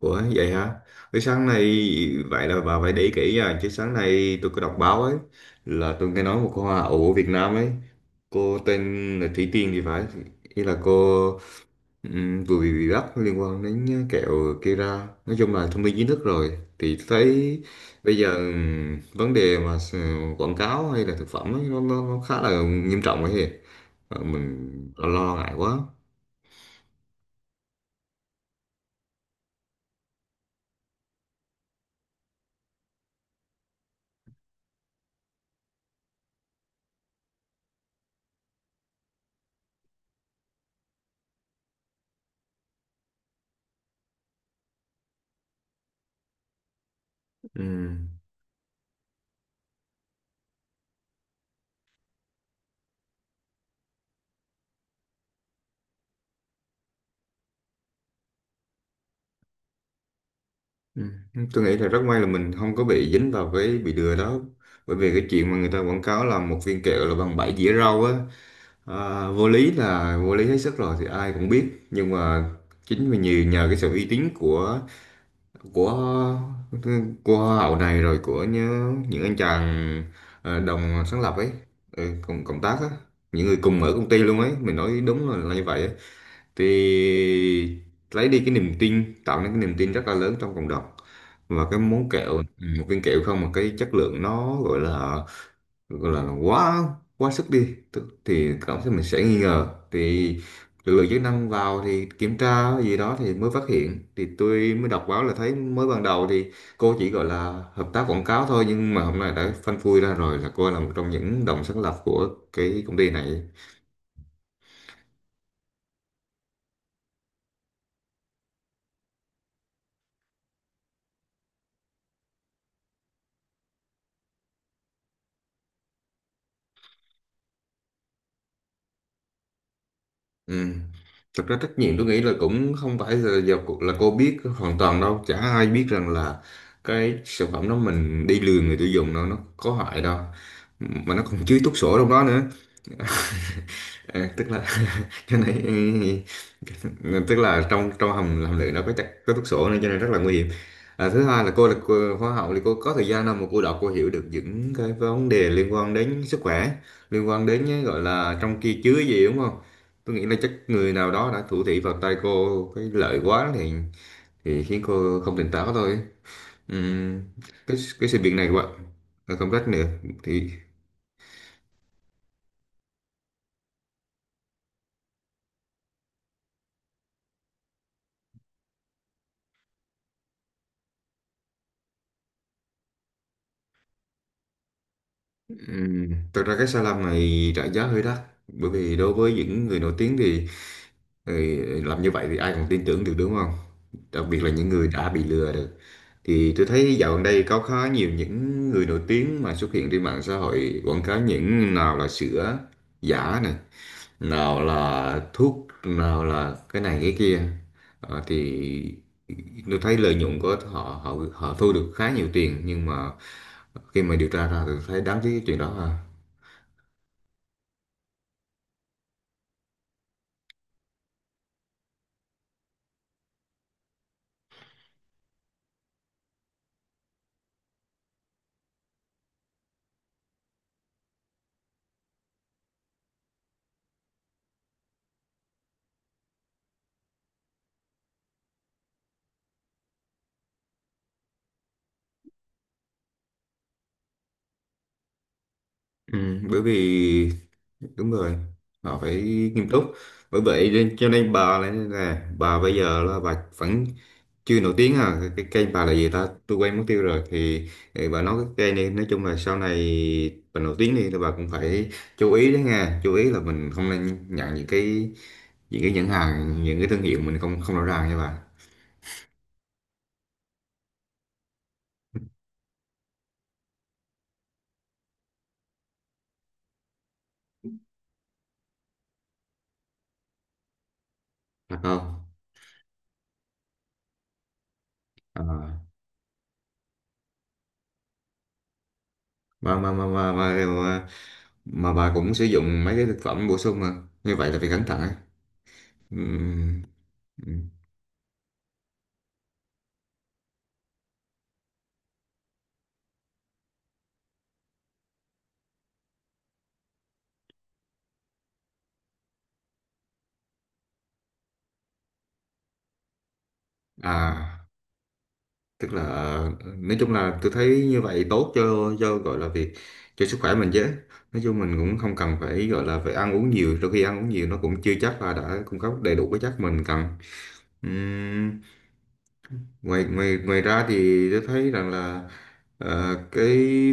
Ủa vậy hả? Cái sáng nay Vậy là bà phải để ý kỹ nha. Chứ sáng nay tôi có đọc báo ấy là tôi nghe nói một cô hoa hậu ở Việt Nam ấy, cô tên là Thủy Tiên thì phải. Ý là cô vừa bị bắt liên quan đến kẹo Kera. Nói chung là thông tin chính thức rồi. Thì tôi thấy bây giờ vấn đề mà quảng cáo hay là thực phẩm ấy, nó khá là nghiêm trọng ấy. Mình lo ngại quá. Ừ. Ừ. Tôi nghĩ là rất may là mình không có bị dính vào cái bị lừa đó, bởi vì cái chuyện mà người ta quảng cáo là một viên kẹo là bằng bảy dĩa rau á, à, vô lý là vô lý hết sức rồi thì ai cũng biết. Nhưng mà chính vì nhiều nhờ cái sự uy tín của của hoa hậu này, rồi của những anh chàng đồng sáng lập ấy, ừ, cộng tác á, những người cùng ở công ty luôn ấy, mình nói đúng là như vậy á, thì lấy đi cái niềm tin, tạo nên cái niềm tin rất là lớn trong cộng đồng. Và cái món kẹo ừ, một viên kẹo không mà cái chất lượng nó gọi là quá quá sức đi, thì cảm thấy mình sẽ nghi ngờ, thì lực lượng chức năng vào thì kiểm tra gì đó thì mới phát hiện. Thì tôi mới đọc báo là thấy mới ban đầu thì cô chỉ gọi là hợp tác quảng cáo thôi, nhưng mà hôm nay đã phanh phui ra rồi là cô là một trong những đồng sáng lập của cái công ty này. Ừ. Thực ra trách nhiệm tôi nghĩ là cũng không phải là giờ là cô biết hoàn toàn đâu, chả ai biết rằng là cái sản phẩm đó mình đi lừa người tiêu dùng đâu, nó có hại đâu, mà nó còn chứa thuốc sổ trong đó nữa. À, tức là cái này tức là trong trong hầm hầm lựu nó có chắc có thuốc sổ, nên cho nên rất là nguy hiểm. À, thứ hai là cô là hoa học thì cô có thời gian nào mà cô đọc, cô hiểu được những cái vấn đề liên quan đến sức khỏe, liên quan đến cái gọi là trong kia chứa gì đúng không? Tôi nghĩ là chắc người nào đó đã thủ thị vào tay cô cái lợi quá, thì khiến cô không tỉnh táo thôi. Ừm, cái sự việc này quá công trách nữa thì. Thực ra cái sai lầm này trả giá hơi đắt, bởi vì đối với những người nổi tiếng thì ừ, làm như vậy thì ai còn tin tưởng được đúng không? Đặc biệt là những người đã bị lừa được. Thì tôi thấy dạo gần đây có khá nhiều những người nổi tiếng mà xuất hiện trên mạng xã hội quảng cáo, những nào là sữa giả này, nào là thuốc, nào là cái này cái kia. Thì tôi thấy lợi nhuận của họ họ họ thu được khá nhiều tiền, nhưng mà khi mà điều tra ra thì thấy đáng tiếc cái chuyện đó ha. Ừ, bởi vì đúng rồi, họ phải nghiêm túc. Bởi vậy nên cho nên bà là nên là bà bây giờ là bà vẫn chưa nổi tiếng, à cái kênh bà là gì ta, tôi quên mất tiêu rồi, thì, bà nói cái kênh này, nói chung là sau này bà nổi tiếng đi thì bà cũng phải chú ý đấy nha, chú ý là mình không nên nhận những cái, nhãn hàng, những cái thương hiệu mình không không rõ ràng nha bà. Thật không? À, mà, mà bà cũng sử dụng mấy cái thực phẩm bổ sung, mà như vậy là phải cẩn thận ấy. Ừm, ừm. À, tức là nói chung là tôi thấy như vậy tốt cho gọi là việc cho sức khỏe mình chứ. Nói chung mình cũng không cần phải gọi là phải ăn uống nhiều, đôi khi ăn uống nhiều nó cũng chưa chắc là đã cung cấp đầy đủ cái chất mình cần. Ừm, ngoài ngoài ngoài ra thì tôi thấy rằng là cái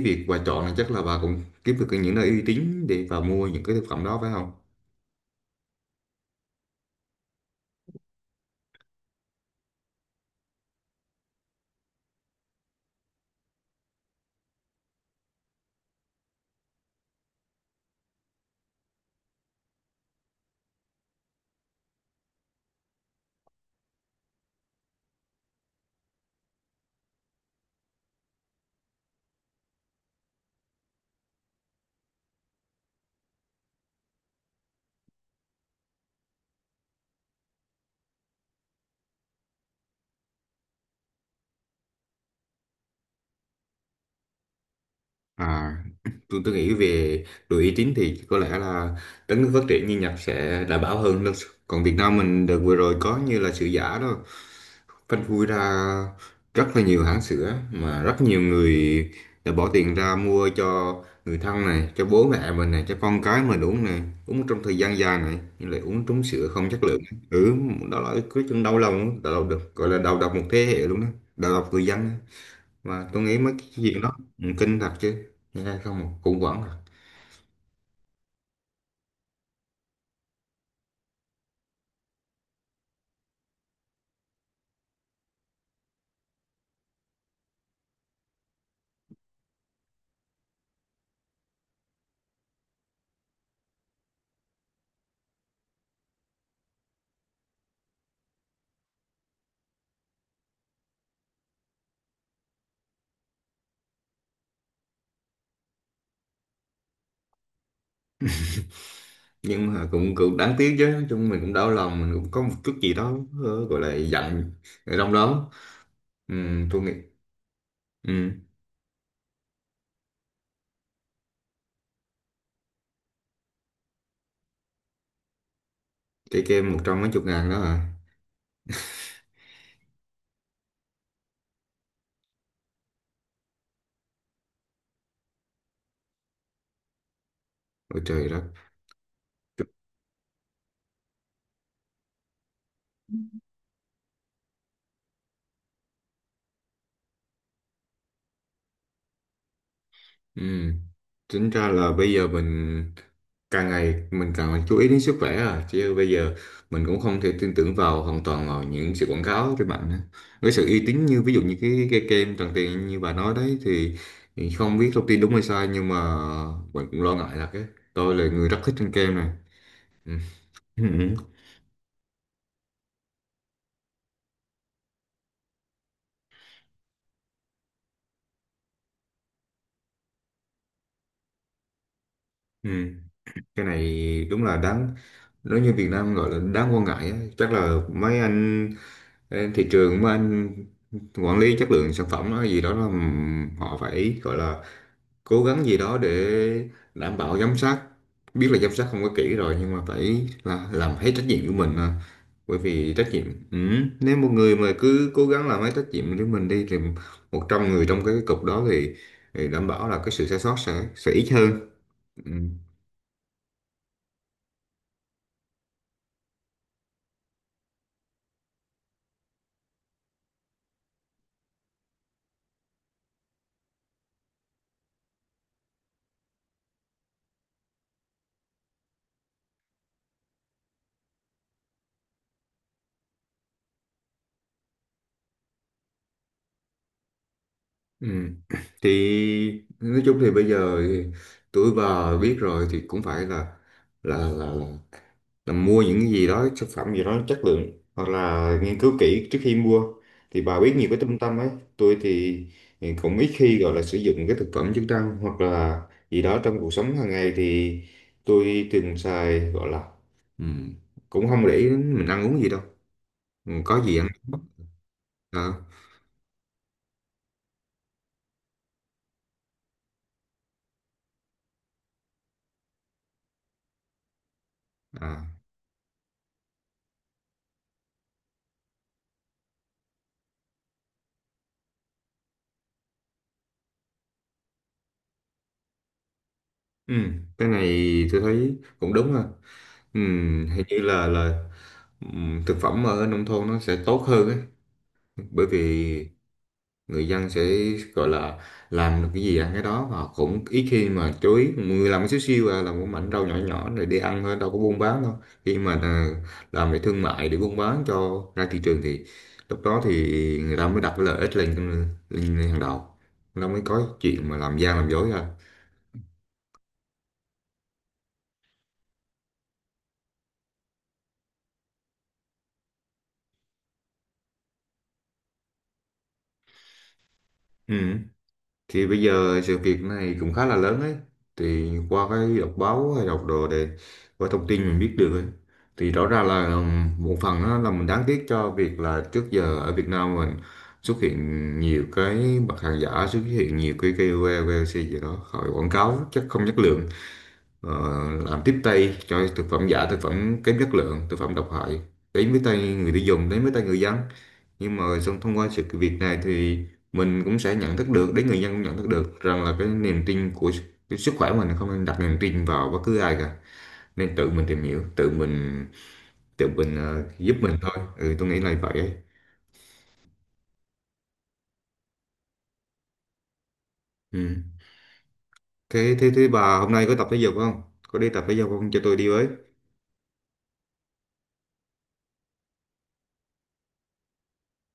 việc bà chọn là chắc là bà cũng kiếm được những nơi uy tín để bà mua những cái thực phẩm đó phải không? À, tôi nghĩ về đội uy tín thì có lẽ là đất nước phát triển như Nhật sẽ đảm bảo hơn. Còn Việt Nam mình đợt vừa rồi có như là sữa giả đó, phanh phui ra rất là nhiều hãng sữa, mà rất nhiều người đã bỏ tiền ra mua cho người thân này, cho bố mẹ mình này, cho con cái mình uống này, uống trong thời gian dài này, nhưng lại uống trúng sữa không chất lượng. Ừ, đó là cái chuyện đau lòng được, gọi là đầu độc một thế hệ luôn đó, đầu độc người dân, mà tôi nghĩ mấy cái chuyện đó ừ, kinh thật chứ, nghe không mà cũng vẫn à. Nhưng mà cũng cũng đáng tiếc chứ, nói chung mình cũng đau lòng, mình cũng có một chút gì đó gọi là giận ở trong đó. Ừ, tôi nghĩ ừ, cái kem một trăm mấy chục ngàn đó à? Ôi trời đất. Ừ. Tính ra là bây giờ mình càng ngày mình càng phải chú ý đến sức khỏe, à chứ bây giờ mình cũng không thể tin tưởng vào hoàn toàn vào những sự quảng cáo trên mạng nữa. Với sự uy tín như ví dụ như cái kem Tràng Tiền như bà nói đấy thì không biết thông tin đúng hay sai, nhưng mà mình cũng lo ngại là cái, tôi là người rất thích ăn kem này. Ừ. Ừ. Ừ. Cái này đúng là đáng, nếu như Việt Nam gọi là đáng quan ngại á. Chắc là mấy anh Ê, thị trường mà anh quản lý chất lượng sản phẩm nó gì đó là họ phải gọi là cố gắng gì đó để đảm bảo giám sát, biết là giám sát không có kỹ rồi nhưng mà phải là làm hết trách nhiệm của mình à. Bởi vì trách nhiệm ừ. Nếu một người mà cứ cố gắng làm hết trách nhiệm của mình đi, thì 100 người trong cái cục đó thì đảm bảo là cái sự sai sót sẽ ít hơn ừ. Ừ. Thì nói chung thì bây giờ thì tuổi bà biết rồi thì cũng phải là là là, là là mua những gì đó, sản phẩm gì đó chất lượng, hoặc là nghiên cứu kỹ trước khi mua, thì bà biết nhiều cái trung tâm ấy. Tôi thì cũng ít khi gọi là sử dụng cái thực phẩm chức năng hoặc là gì đó trong cuộc sống hàng ngày, thì tôi thường xài gọi là ừm, cũng không để ý đến mình ăn uống gì đâu. Ừ, có gì ăn đó. À, à. Ừ, cái này tôi thấy cũng đúng ha, ừ, hình như là thực phẩm ở nông thôn nó sẽ tốt hơn ấy, bởi vì người dân sẽ gọi là làm được cái gì ăn cái đó, và cũng ít khi mà chú ý, người làm cái xíu xiu à, làm một mảnh rau nhỏ nhỏ rồi đi ăn thôi đâu có buôn bán đâu. Khi mà à, làm về thương mại để buôn bán cho ra thị trường thì lúc đó thì người ta mới đặt cái lợi ích lên lên hàng đầu, nó mới có chuyện mà làm gian làm dối ra ừ. Thì bây giờ sự việc này cũng khá là lớn ấy, thì qua cái đọc báo hay đọc đồ để qua thông tin mình biết được ấy. Thì rõ ràng là một phần á, là mình đáng tiếc cho việc là trước giờ ở Việt Nam mình xuất hiện nhiều cái mặt hàng giả, xuất hiện nhiều cái KOL, KOC gì đó khỏi quảng cáo chắc không chất lượng, ờ, làm tiếp tay cho thực phẩm giả, thực phẩm kém chất lượng, thực phẩm độc hại đến với tay người tiêu dùng, đến với tay người dân. Nhưng mà xong thông qua sự việc này thì mình cũng sẽ nhận thức được, đến người dân cũng nhận thức được rằng là cái niềm tin của cái sức khỏe mình không nên đặt niềm tin vào bất cứ ai cả, nên tự mình tìm hiểu, tự mình giúp mình thôi ừ, tôi nghĩ là vậy ấy. Ừ. Thế thế thế bà hôm nay có tập thể dục không, có đi tập thể dục không cho tôi đi với?